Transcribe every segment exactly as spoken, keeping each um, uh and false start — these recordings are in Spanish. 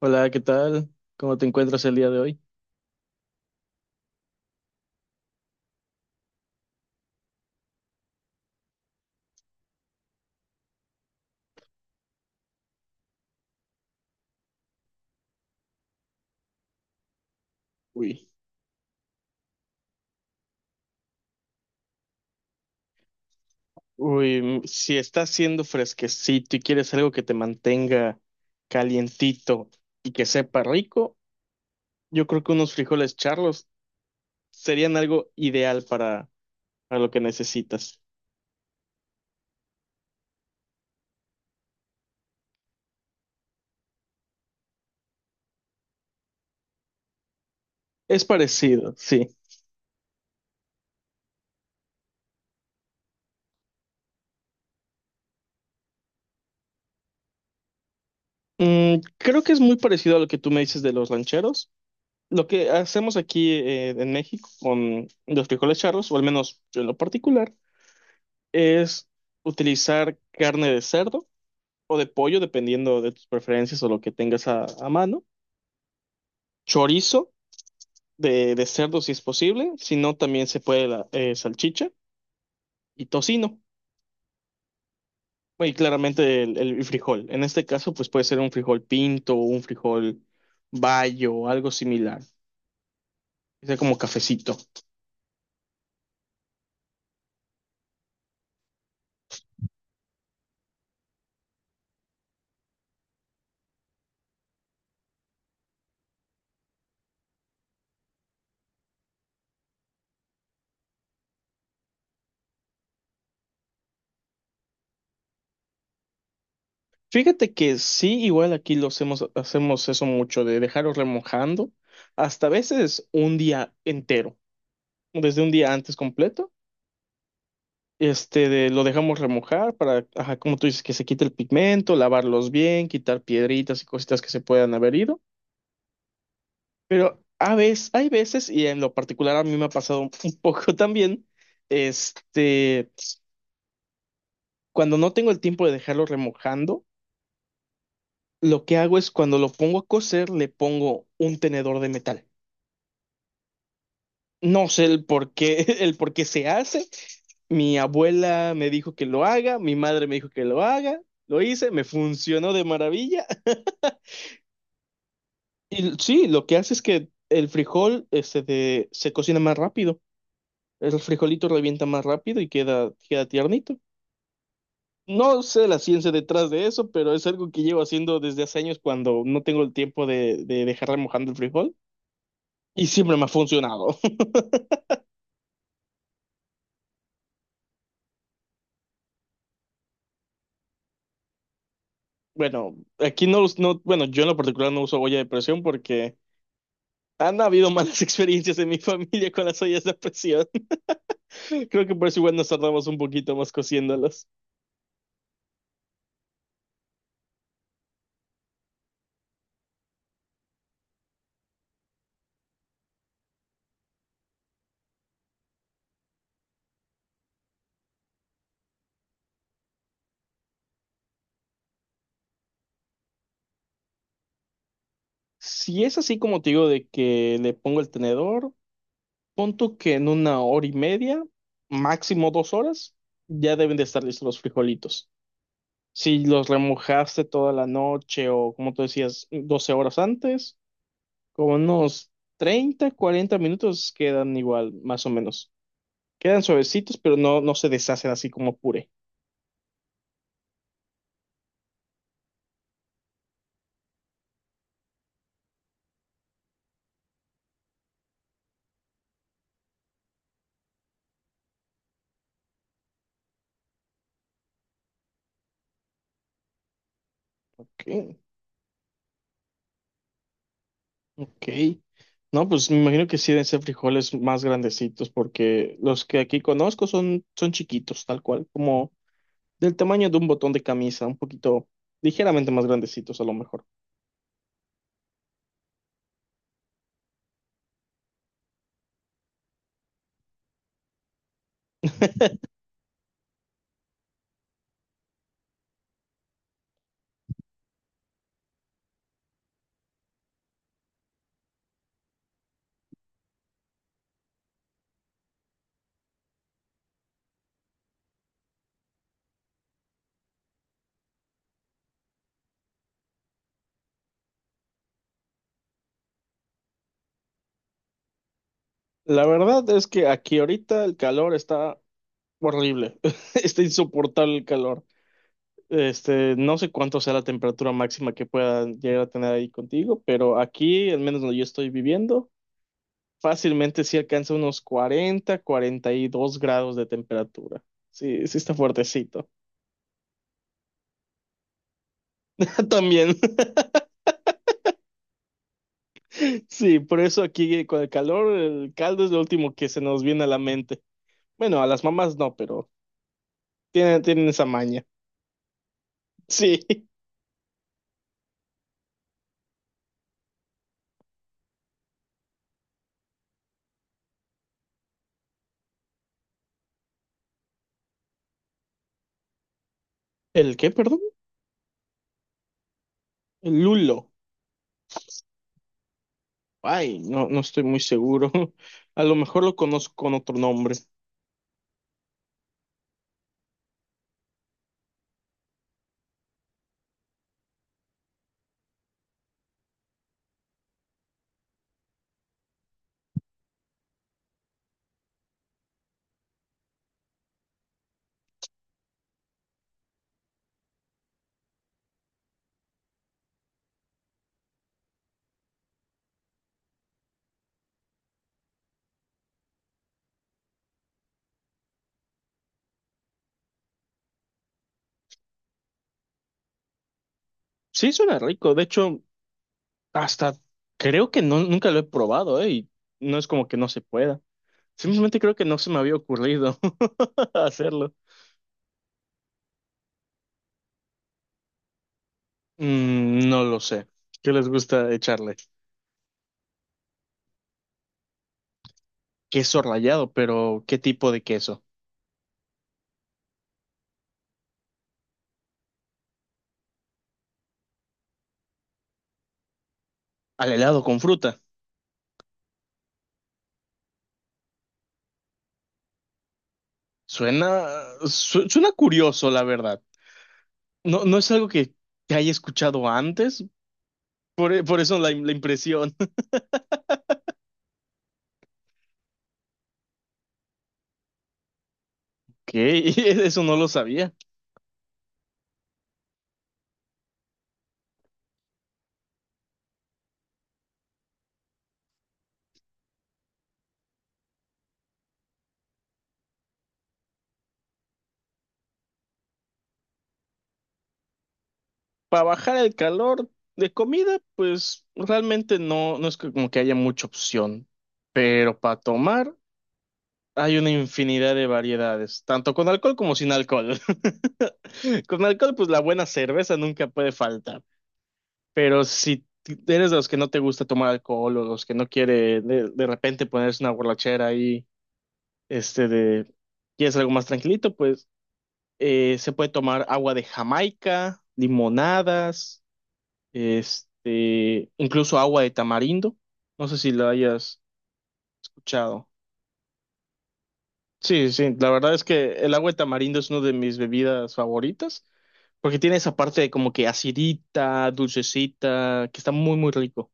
Hola, ¿qué tal? ¿Cómo te encuentras el día de hoy? Uy, uy, mm, si está haciendo fresquecito y quieres algo que te mantenga calientito y que sepa rico, yo creo que unos frijoles charlos serían algo ideal para, para lo que necesitas. Es parecido, sí. Mm, creo que es muy parecido a lo que tú me dices de los rancheros. Lo que hacemos aquí eh, en México con los frijoles charlos, o al menos yo en lo particular, es utilizar carne de cerdo o de pollo, dependiendo de tus preferencias o lo que tengas a, a mano. Chorizo de, de cerdo si es posible, si no también se puede la eh, salchicha y tocino. Bueno, y claramente el, el frijol. En este caso, pues puede ser un frijol pinto o un frijol bayo o algo similar. Que sea como cafecito. Fíjate que sí, igual aquí lo hacemos, hacemos eso mucho, de dejarlo remojando hasta a veces un día entero, desde un día antes completo. Este, de- lo dejamos remojar para, ajá, como tú dices, que se quite el pigmento, lavarlos bien, quitar piedritas y cositas que se puedan haber ido. Pero a veces, hay veces, y en lo particular a mí me ha pasado un poco también, este, cuando no tengo el tiempo de dejarlo remojando, lo que hago es cuando lo pongo a cocer, le pongo un tenedor de metal. No sé el por qué, el por qué se hace. Mi abuela me dijo que lo haga, mi madre me dijo que lo haga, lo hice, me funcionó de maravilla. Y sí, lo que hace es que el frijol este, de- se cocina más rápido. El frijolito revienta más rápido y queda, queda tiernito. No sé la ciencia detrás de eso, pero es algo que llevo haciendo desde hace años cuando no tengo el tiempo de, de dejar remojando el frijol y siempre me ha funcionado. Bueno, aquí no, us- no, bueno, yo en lo particular no uso olla de presión porque han habido malas experiencias en mi familia con las ollas de presión. Creo que por eso igual nos tardamos un poquito más cociéndolas. Si es así como te digo de que le pongo el tenedor, pon tú que en una hora y media, máximo dos horas, ya deben de estar listos los frijolitos. Si los remojaste toda la noche o como tú decías, doce horas antes, como unos treinta, cuarenta minutos quedan igual, más o menos. Quedan suavecitos, pero no, no se deshacen así como puré. Ok. Ok. No, pues me imagino que sí deben ser frijoles más grandecitos, porque los que aquí conozco son, son chiquitos, tal cual, como del tamaño de un botón de camisa, un poquito ligeramente más grandecitos a lo mejor. La verdad es que aquí ahorita el calor está horrible, está insoportable el calor. Este, no sé cuánto sea la temperatura máxima que pueda llegar a tener ahí contigo, pero aquí, al menos donde yo estoy viviendo, fácilmente sí alcanza unos cuarenta cuarenta y dos grados de temperatura. Sí, sí está fuertecito. También, sí, por eso aquí eh, con el calor, el caldo es lo último que se nos viene a la mente. Bueno, a las mamás no, pero tienen, tienen esa maña. Sí. ¿El qué, perdón? El lulo. Ay, no, no estoy muy seguro. A lo mejor lo conozco con otro nombre. Sí, suena rico. De hecho, hasta creo que no, nunca lo he probado, ¿eh? Y no es como que no se pueda. Simplemente creo que no se me había ocurrido hacerlo. Mm, no lo sé. ¿Qué les gusta echarle? Queso rallado, pero ¿qué tipo de queso? Al helado con fruta. Suena, su- suena curioso, la verdad. No, no es algo que, que haya escuchado antes, por, e- por eso la, la impresión. Que eso no lo sabía. Para bajar el calor de comida, pues realmente no, no es que- como que haya mucha opción. Pero para tomar... Hay una infinidad de variedades, tanto con alcohol como sin alcohol. Con alcohol, pues la buena cerveza nunca puede faltar. Pero si t- eres de los que no te gusta tomar alcohol o los que no quiere de, de repente ponerse una borrachera ahí, este de, quieres algo más tranquilito, pues eh, se puede tomar agua de Jamaica, limonadas, este, incluso agua de tamarindo. No sé si lo hayas escuchado. Sí, sí, sí. La verdad es que el agua de tamarindo es una de mis bebidas favoritas. Porque tiene esa parte de como que acidita, dulcecita, que está muy, muy rico.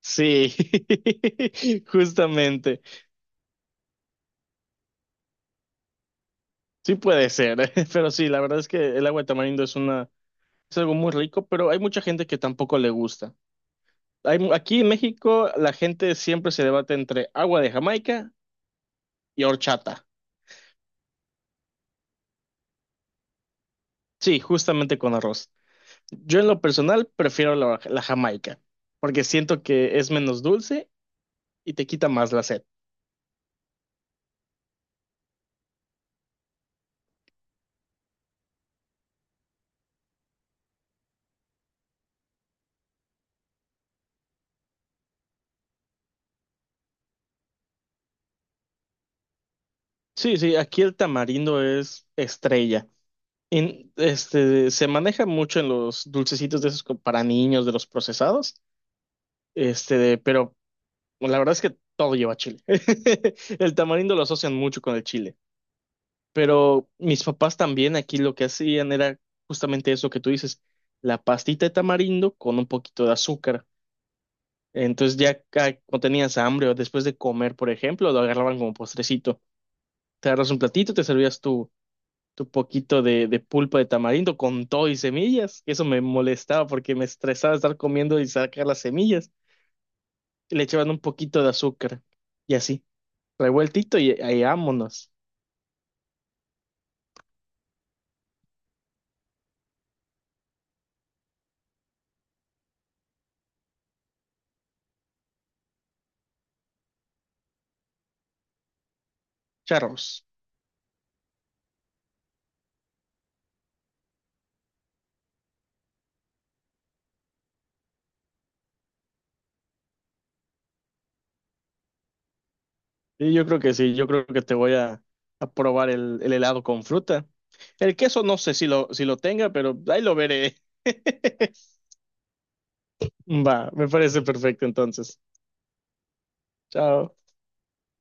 Sí, justamente. Sí puede ser, pero sí, la verdad es que el agua de tamarindo es una, es algo muy rico, pero hay mucha gente que tampoco le gusta. Hay, mu- aquí en México la gente siempre se debate entre agua de Jamaica y horchata. Sí, justamente con arroz. Yo en lo personal prefiero la, la Jamaica, porque siento que es menos dulce y te quita más la sed. Sí, sí, aquí el tamarindo es estrella. En- este, se maneja mucho en los dulcecitos de esos co- para niños, de los procesados, este, pero la verdad es que todo lleva chile. El tamarindo lo asocian mucho con el chile, pero mis papás también aquí lo que hacían era justamente eso que tú dices, la pastita de tamarindo con un poquito de azúcar. Entonces ya ca- cuando tenías hambre o después de comer, por ejemplo, lo agarraban como postrecito. Te agarras un platito, te servías tu poquito de, de pulpa de tamarindo con todo y semillas. Eso me molestaba porque me estresaba estar comiendo y sacar las semillas. Y le echaban un poquito de azúcar. Y así, revueltito y, y vámonos. Charros. Y yo creo que sí, yo creo que te voy a, a probar el, el helado con fruta. El queso no sé si lo, si lo tenga, pero ahí lo veré. Va, me parece perfecto entonces. Chao.